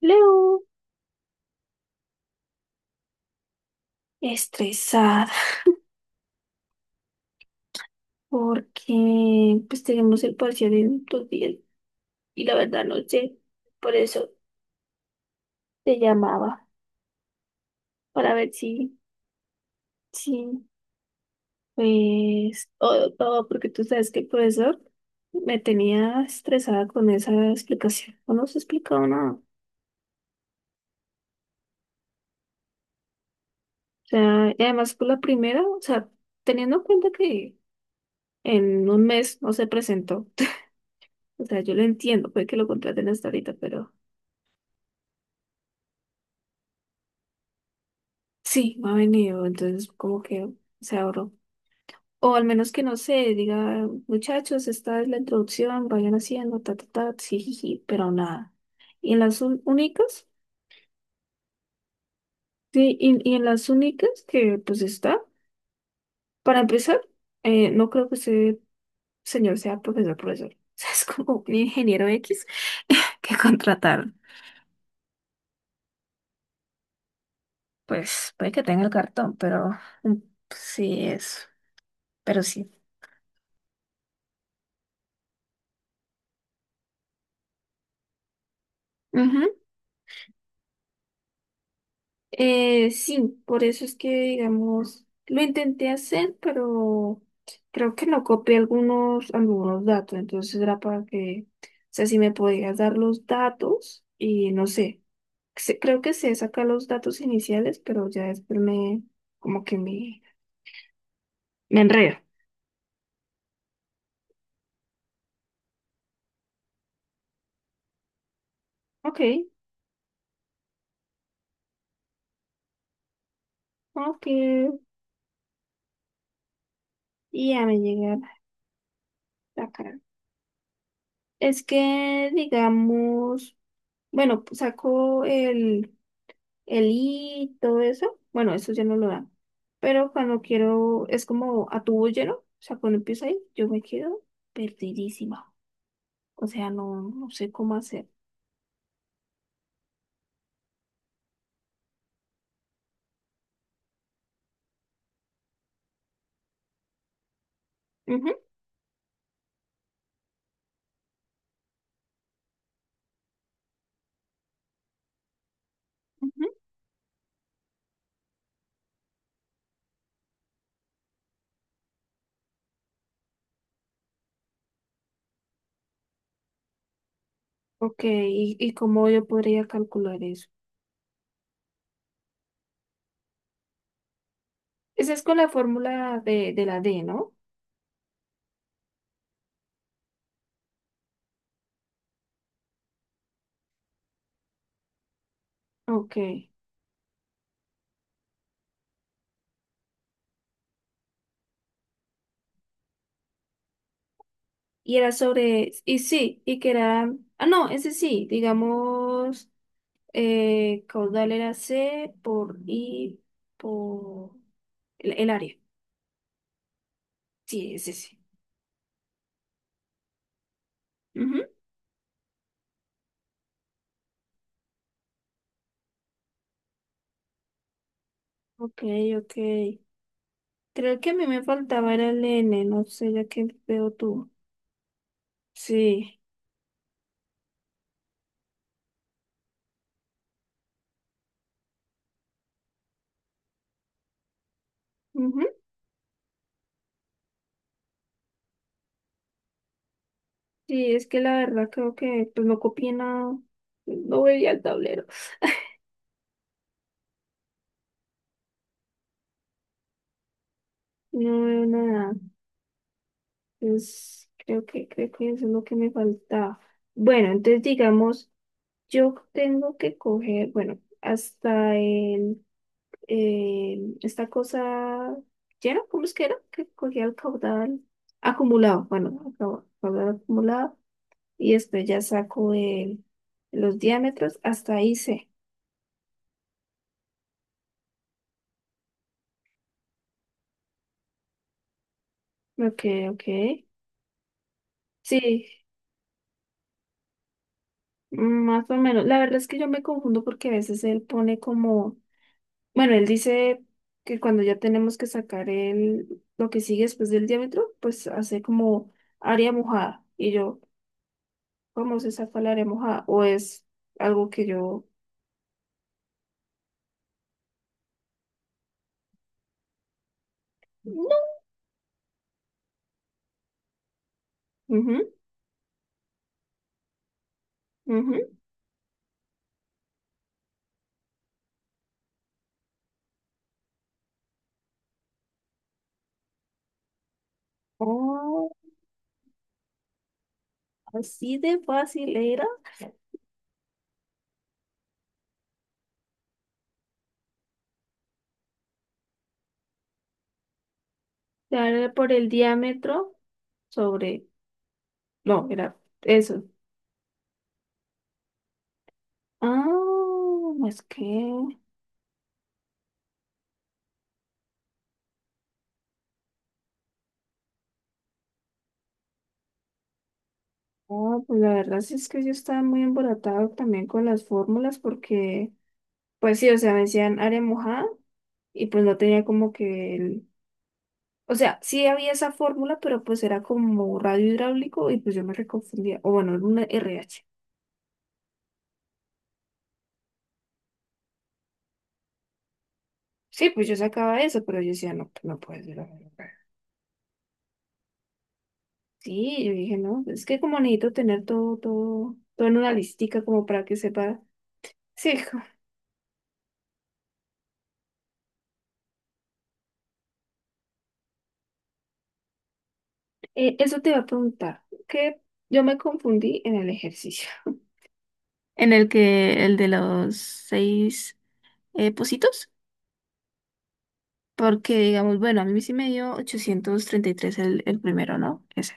Leo, estresada porque pues tenemos el parcial en 2 días y la verdad no sé, por eso te llamaba para ver si, si, pues, o porque tú sabes que el profesor me tenía estresada con esa explicación, no nos explicaba nada. O sea, y además por la primera, o sea, teniendo en cuenta que en 1 mes no se presentó. O sea, yo lo entiendo, puede que lo contraten hasta ahorita, pero... Sí, no ha venido, entonces como que se ahorró. O al menos que no sé, diga, muchachos, esta es la introducción, vayan haciendo, ta, ta, ta, sí, ji, ji, pero nada. Y en las únicas, sí, y en las únicas que pues está, para empezar, no creo que ese señor sea profesor, profesor. O sea, es como un ingeniero X que contrataron. Pues puede que tenga el cartón, pero mm, sí es, pero sí. Sí, por eso es que, digamos, lo intenté hacer, pero creo que no copié algunos, algunos datos, entonces era para que, o sea, si me podías dar los datos y no sé, creo que sé sacar los datos iniciales, pero ya después me, como que me enredo. Ok, ok, y ya me llega la cara. Es que, digamos, bueno, saco el y todo eso, bueno, eso ya no lo dan. Pero cuando quiero, es como a tubo lleno, o sea, cuando empiezo ahí, yo me quedo perdidísima. O sea, no, no sé cómo hacer. Ujú, ujú. Ok, y cómo yo podría calcular eso? Esa es con la fórmula de la D, ¿no? Ok. Y era sobre, y sí, y que era, ah, no, ese sí, digamos, caudal era C por I por el área. Sí, es ese. Ujú. Ok, ok. Creo que a mí me faltaba era el N, no sé, ya que veo tú. Sí. Ujú. Sí, es que la verdad creo que pues no copié nada. No veía el tablero. No veo nada. Pues creo que eso es lo que me faltaba. Bueno, entonces digamos, yo tengo que coger, bueno, hasta el esta cosa llena, ¿cómo es que era? Que cogía el caudal acumulado, bueno, caudal acumulado, y después ya saco el, los diámetros, hasta ahí sé. Ok, ok. Sí, más o menos. La verdad es que yo me confundo porque a veces él pone como, bueno, él dice que cuando ya tenemos que sacar el, lo que sigue después del diámetro, pues hace como área mojada. Y yo, ¿cómo se saca el área mojada? O es algo que yo no. Ujú, ujú. Oh, así de fácil era. Dar por el diámetro sobre. No, era eso. Ah, es que. Ah, pues la verdad sí es que yo estaba muy emboratado también con las fórmulas porque, pues sí, o sea, me decían área mojada y pues no tenía como que el. O sea, sí había esa fórmula, pero pues era como radio hidráulico y pues yo me reconfundía. O bueno, era una R h. Sí, pues yo sacaba eso, pero yo decía, no, pues, no puede ser. Sí, yo dije, no, es que como necesito tener todo, todo, todo en una listica como para que sepa. Sí. Hijo, eso te iba a preguntar, que yo me confundí en el ejercicio. En el que, el de los seis pocitos, porque digamos, bueno, a mí sí me dio 833 el primero, ¿no? Ese,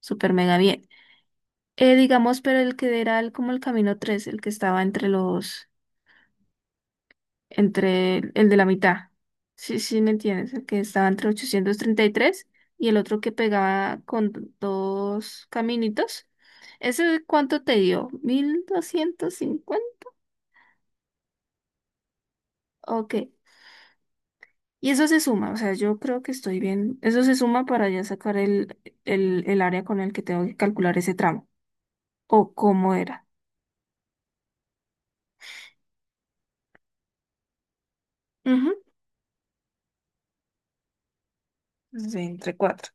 súper mega bien. Digamos, pero el que era el, como el camino 3, el que estaba entre los entre el de la mitad. Sí, sí, ¿me entiendes? El que estaba entre 833 y el otro que pegaba con dos caminitos. ¿Ese cuánto te dio? 1.250. Ok. Y eso se suma, o sea, yo creo que estoy bien. Eso se suma para ya sacar el área con el que tengo que calcular ese tramo. O cómo era. Ujú. Sí, entre cuatro.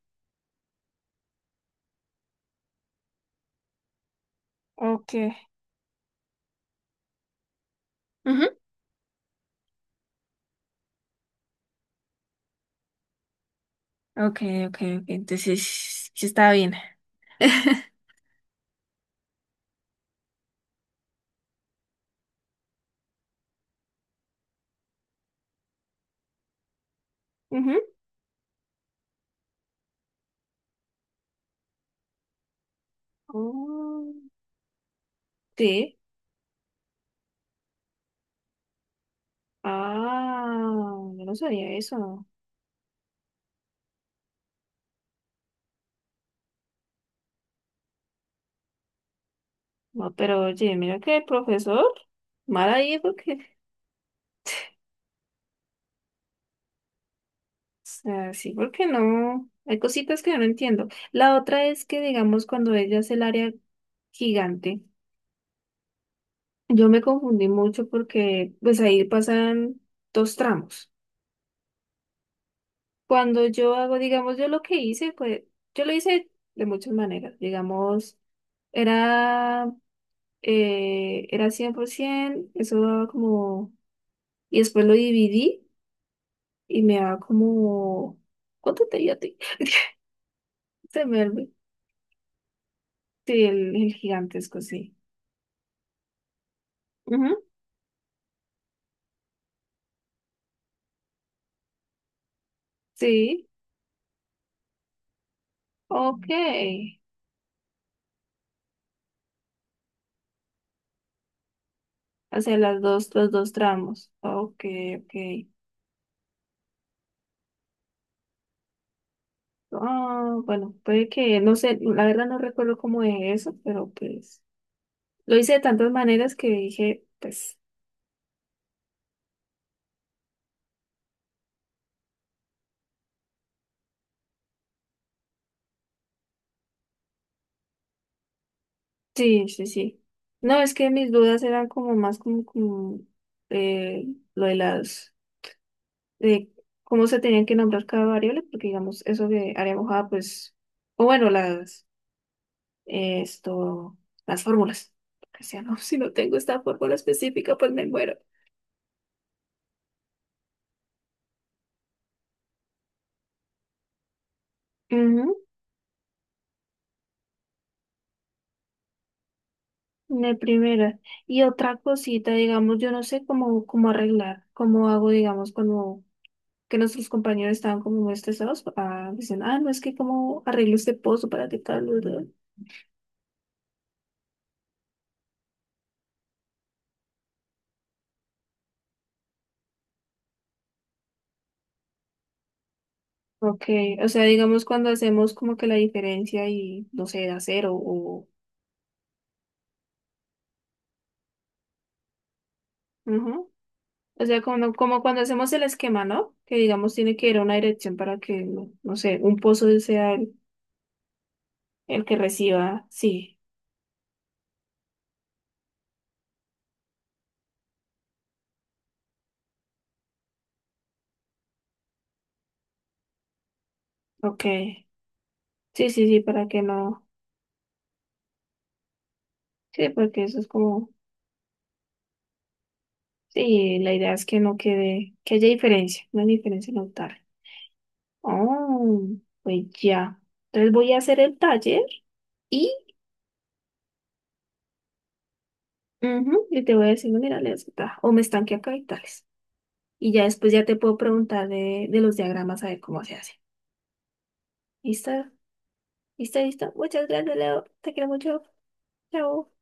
Ok. Ujú. Ok, ok, ok. Entonces, sí estaba bien. Ujú. Sí. Ah, yo no sabía eso. No, pero oye, mira que el profesor, mal ahí porque o sea, sí, porque no. Hay cositas que yo no entiendo. La otra es que, digamos, cuando ella es el área gigante, yo me confundí mucho porque, pues ahí pasan dos tramos. Cuando yo hago, digamos, yo lo que hice, pues, yo lo hice de muchas maneras. Digamos, era, era 100%, eso daba como. Y después lo dividí y me daba como... ¿Cuánto te di a ti? Se me olvidó. Sí, el gigantesco, sí. Ujú. Sí, ok. O sea, las dos, los dos tramos. Ok, ok. Ah, bueno, puede que, no sé, la verdad no recuerdo cómo es eso, pero pues lo hice de tantas maneras que dije, pues, sí, sí, sí. No, es que mis dudas eran como más como, como, eh, lo de las de cómo se tenían que nombrar cada variable, porque digamos, eso de área mojada, pues, o bueno, las, esto, las fórmulas. Que sea, no. Si no tengo esta fórmula específica, pues me muero. Ujú, de primera. Y otra cosita, digamos, yo no sé cómo, cómo arreglar, cómo hago, digamos, cuando que nuestros compañeros estaban como muy estresados, ah, dicen, ah, no, es que cómo arreglo este pozo para que tal, bla, bla. Ok, o sea, digamos cuando hacemos como que la diferencia y, no sé, da cero o... ujú. O sea, como, como cuando hacemos el esquema, ¿no? Que digamos tiene que ir a una dirección para que, no, no sé, un pozo sea el que reciba. Sí, ok. Sí, sí, sí, para que no. Sí, porque eso es como. Sí, la idea es que no quede, que haya diferencia, una diferencia notable. Oh, pues ya. Entonces voy a hacer el taller y, ujú, y te voy a decir, no, mira, les gusta, o me estanque acá y tales. Y ya después ya te puedo preguntar de los diagramas a ver cómo se hace. ¿Listo? ¿Listo, listo? Muchas gracias, Leo. Te quiero mucho. Chao.